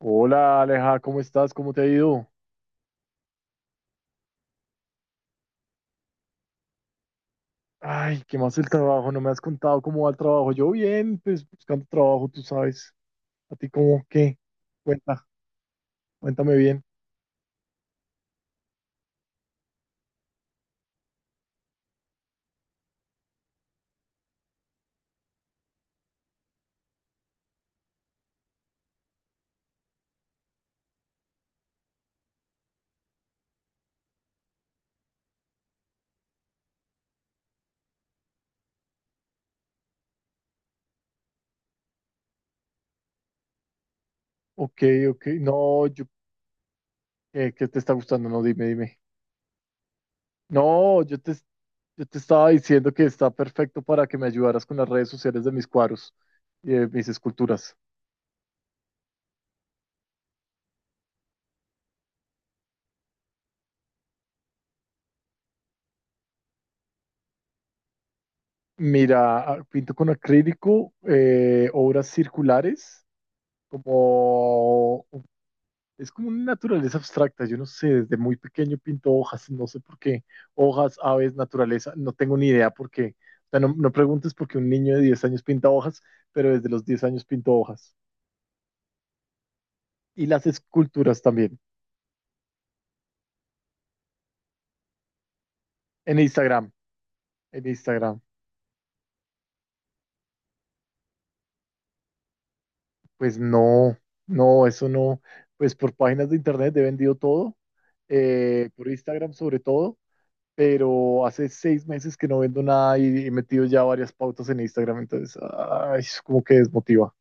Hola Aleja, ¿cómo estás? ¿Cómo te ha ido? Ay, ¿qué más el trabajo? No me has contado cómo va el trabajo. Yo bien, pues buscando trabajo, tú sabes. ¿A ti cómo qué? Cuenta, cuéntame bien. Ok, ok. No, yo, ¿qué te está gustando? No, dime, dime. No, yo te estaba diciendo que está perfecto para que me ayudaras con las redes sociales de mis cuadros y de mis esculturas. Mira, ah, pinto con acrílico, obras circulares, como es como una naturaleza abstracta, yo no sé, desde muy pequeño pinto hojas, no sé por qué, hojas, aves, naturaleza, no tengo ni idea por qué. O sea, no, no preguntes por qué un niño de 10 años pinta hojas, pero desde los 10 años pinto hojas. Y las esculturas también, en Instagram, en Instagram. Pues no, no, eso no, pues por páginas de internet he vendido todo, por Instagram sobre todo, pero hace 6 meses que no vendo nada y he metido ya varias pautas en Instagram, entonces, ay, es como que desmotiva.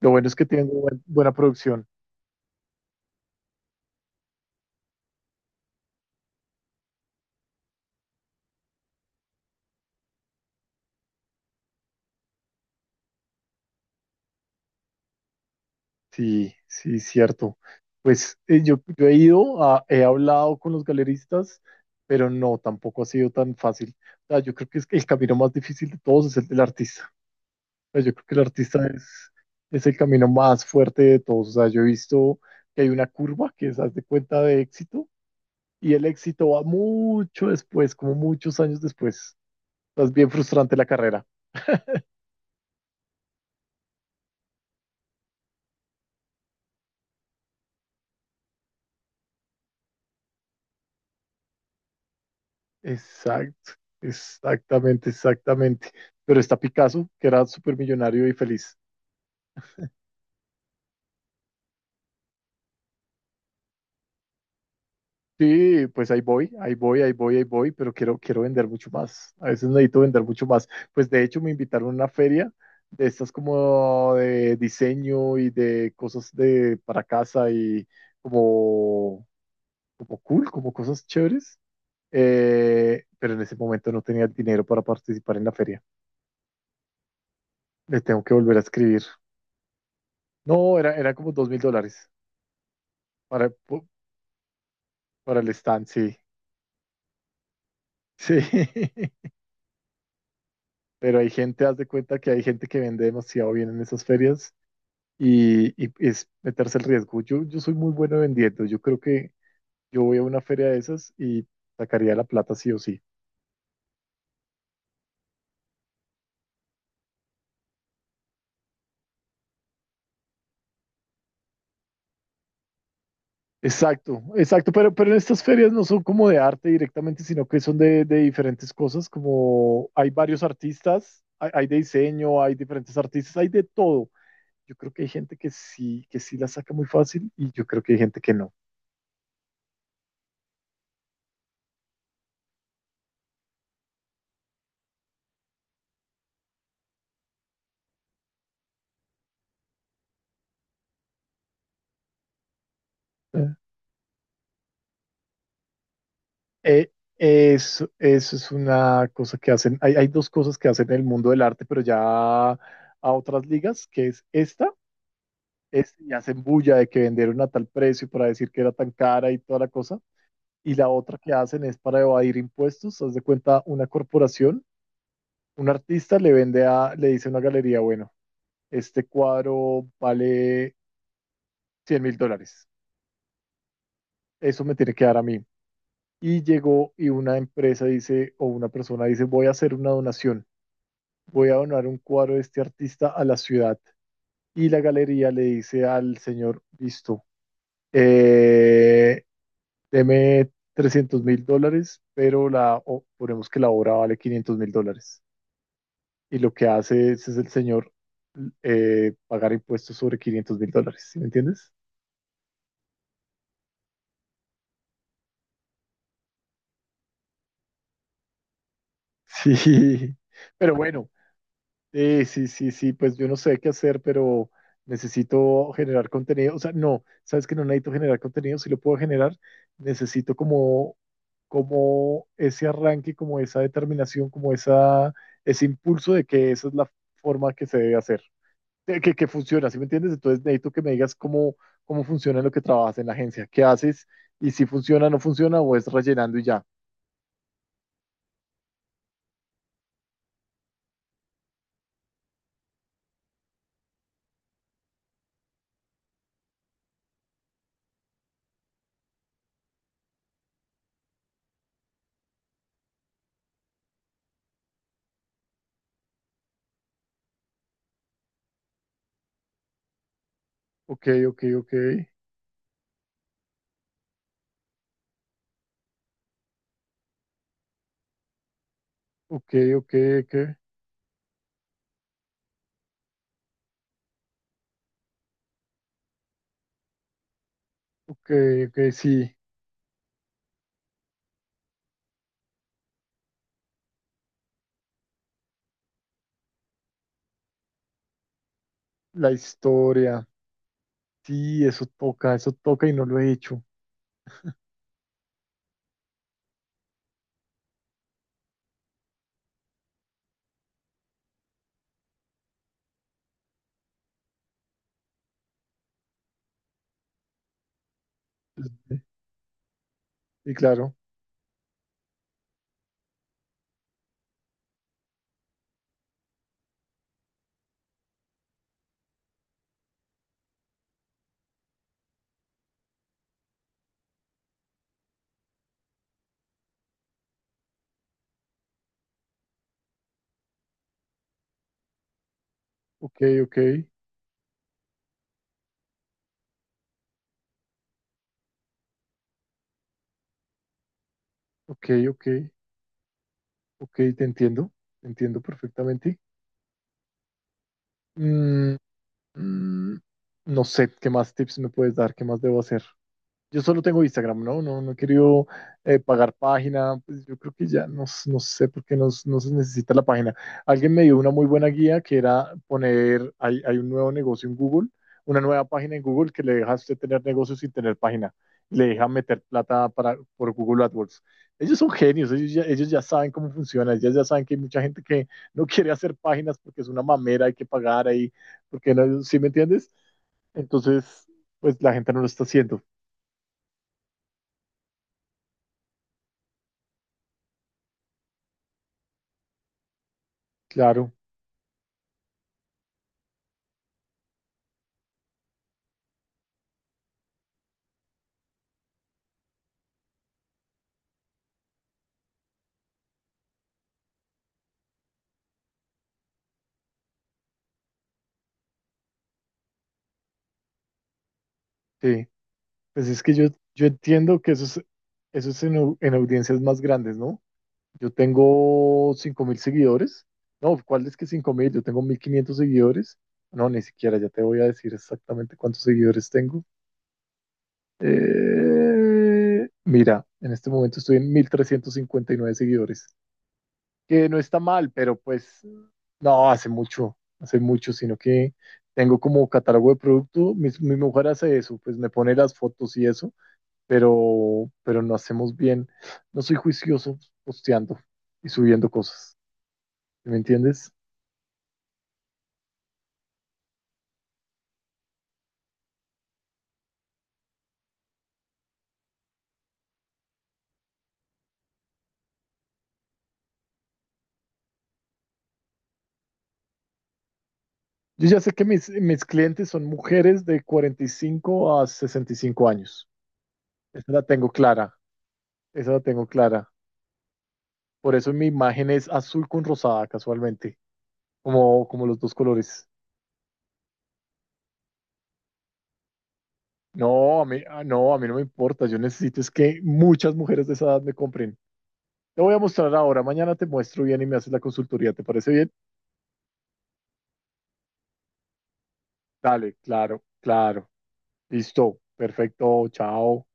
Lo bueno es que tengo buena producción. Sí, sí, cierto. Pues yo he ido, he hablado con los galeristas, pero no, tampoco ha sido tan fácil. O sea, yo creo que es que el camino más difícil de todos es el del artista. O sea, yo creo que el artista es el camino más fuerte de todos. O sea, yo he visto que hay una curva que es, haz de cuenta, de éxito, y el éxito va mucho después, como muchos años después. O sea, es bien frustrante la carrera. Exacto, exactamente, exactamente. Pero está Picasso, que era súper millonario y feliz. Sí, pues ahí voy, ahí voy, ahí voy, ahí voy, pero quiero, quiero vender mucho más. A veces necesito vender mucho más. Pues de hecho me invitaron a una feria de estas como de diseño y de cosas de para casa y como, como cool, como cosas chéveres. Pero en ese momento no tenía el dinero para participar en la feria. Le tengo que volver a escribir. No, era, era como $2,000. Para, pu- para el stand, sí. Sí. Pero hay gente, haz de cuenta que hay gente que vende demasiado bien en esas ferias y es meterse el riesgo. Yo soy muy bueno vendiendo. Yo creo que yo voy a una feria de esas y sacaría la plata sí o sí. Exacto, exacto. Pero en estas ferias no son como de arte directamente, sino que son de diferentes cosas. Como hay varios artistas, hay de diseño, hay diferentes artistas, hay de todo. Yo creo que hay gente que sí la saca muy fácil y yo creo que hay gente que no. Eh, eso, eso es una cosa que hacen. Hay dos cosas que hacen en el mundo del arte, pero ya a otras ligas, que es esta, es, y hacen bulla de que vendieron a tal precio para decir que era tan cara y toda la cosa. Y la otra que hacen es para evadir impuestos. Haz de cuenta, una corporación, un artista le vende a, le dice a una galería, bueno, este cuadro vale $100,000. Eso me tiene que dar a mí. Y llegó y una empresa dice, o una persona dice, voy a hacer una donación, voy a donar un cuadro de este artista a la ciudad. Y la galería le dice al señor, listo, eh, deme 300 mil dólares, pero la, ponemos que la obra vale $500,000. Y lo que hace es el señor pagar impuestos sobre $500,000, ¿sí me entiendes? Sí, pero bueno, sí, sí, sí, sí, pues yo no sé qué hacer, pero necesito generar contenido. O sea, no, sabes que no necesito generar contenido, si lo puedo generar, necesito como, como ese arranque, como esa determinación, como esa, ese impulso de que esa es la forma que se debe hacer, de que funciona, ¿sí me entiendes? Entonces necesito que me digas cómo, cómo funciona lo que trabajas en la agencia, qué haces y si funciona, no funciona o es rellenando y ya. Ok, ok, ok, ok, ok, ok, ok, ok, sí. La historia. Sí, eso toca y no lo he hecho. Ujú. Y claro, ok, ok, ok, ok, ok, te entiendo perfectamente. Mm, mm, no sé, ¿qué más tips me puedes dar? ¿Qué más debo hacer? Yo solo tengo Instagram, ¿no? No, no he querido pagar página. Pues yo creo que ya no, no sé por qué no, no se necesita la página. Alguien me dio una muy buena guía que era poner, hay un nuevo negocio en Google, una nueva página en Google que le deja a usted tener negocios sin tener página. Le deja meter plata para, por Google AdWords. Ellos son genios, ellos ya saben cómo funciona, ellos ya saben que hay mucha gente que no quiere hacer páginas porque es una mamera, hay que pagar ahí, porque no, ¿sí me entiendes? Entonces, pues la gente no lo está haciendo. Claro, sí. Pues es que yo entiendo que eso es en, en audiencias más grandes, ¿no? Yo tengo 5,000 seguidores. No, ¿cuál es que 5,000? Yo tengo 1,500 seguidores. No, ni siquiera, ya te voy a decir exactamente cuántos seguidores tengo. Mira, en este momento estoy en 1,359 seguidores, que no está mal, pero pues no, hace mucho, sino que tengo como catálogo de producto. Mi mujer hace eso, pues me pone las fotos y eso, pero no hacemos bien. No soy juicioso posteando y subiendo cosas. ¿Sí? ¿Me entiendes? Yo ya sé que mis clientes son mujeres de 45 a 65 años. Esa la tengo clara, esa la tengo clara. Por eso mi imagen es azul con rosada, casualmente, como, como los dos colores. No, a mí, ah, no, a mí no me importa. Yo necesito es que muchas mujeres de esa edad me compren. Te voy a mostrar ahora, mañana te muestro bien y me haces la consultoría. ¿Te parece bien? Dale, claro, claro. Listo, perfecto, chao.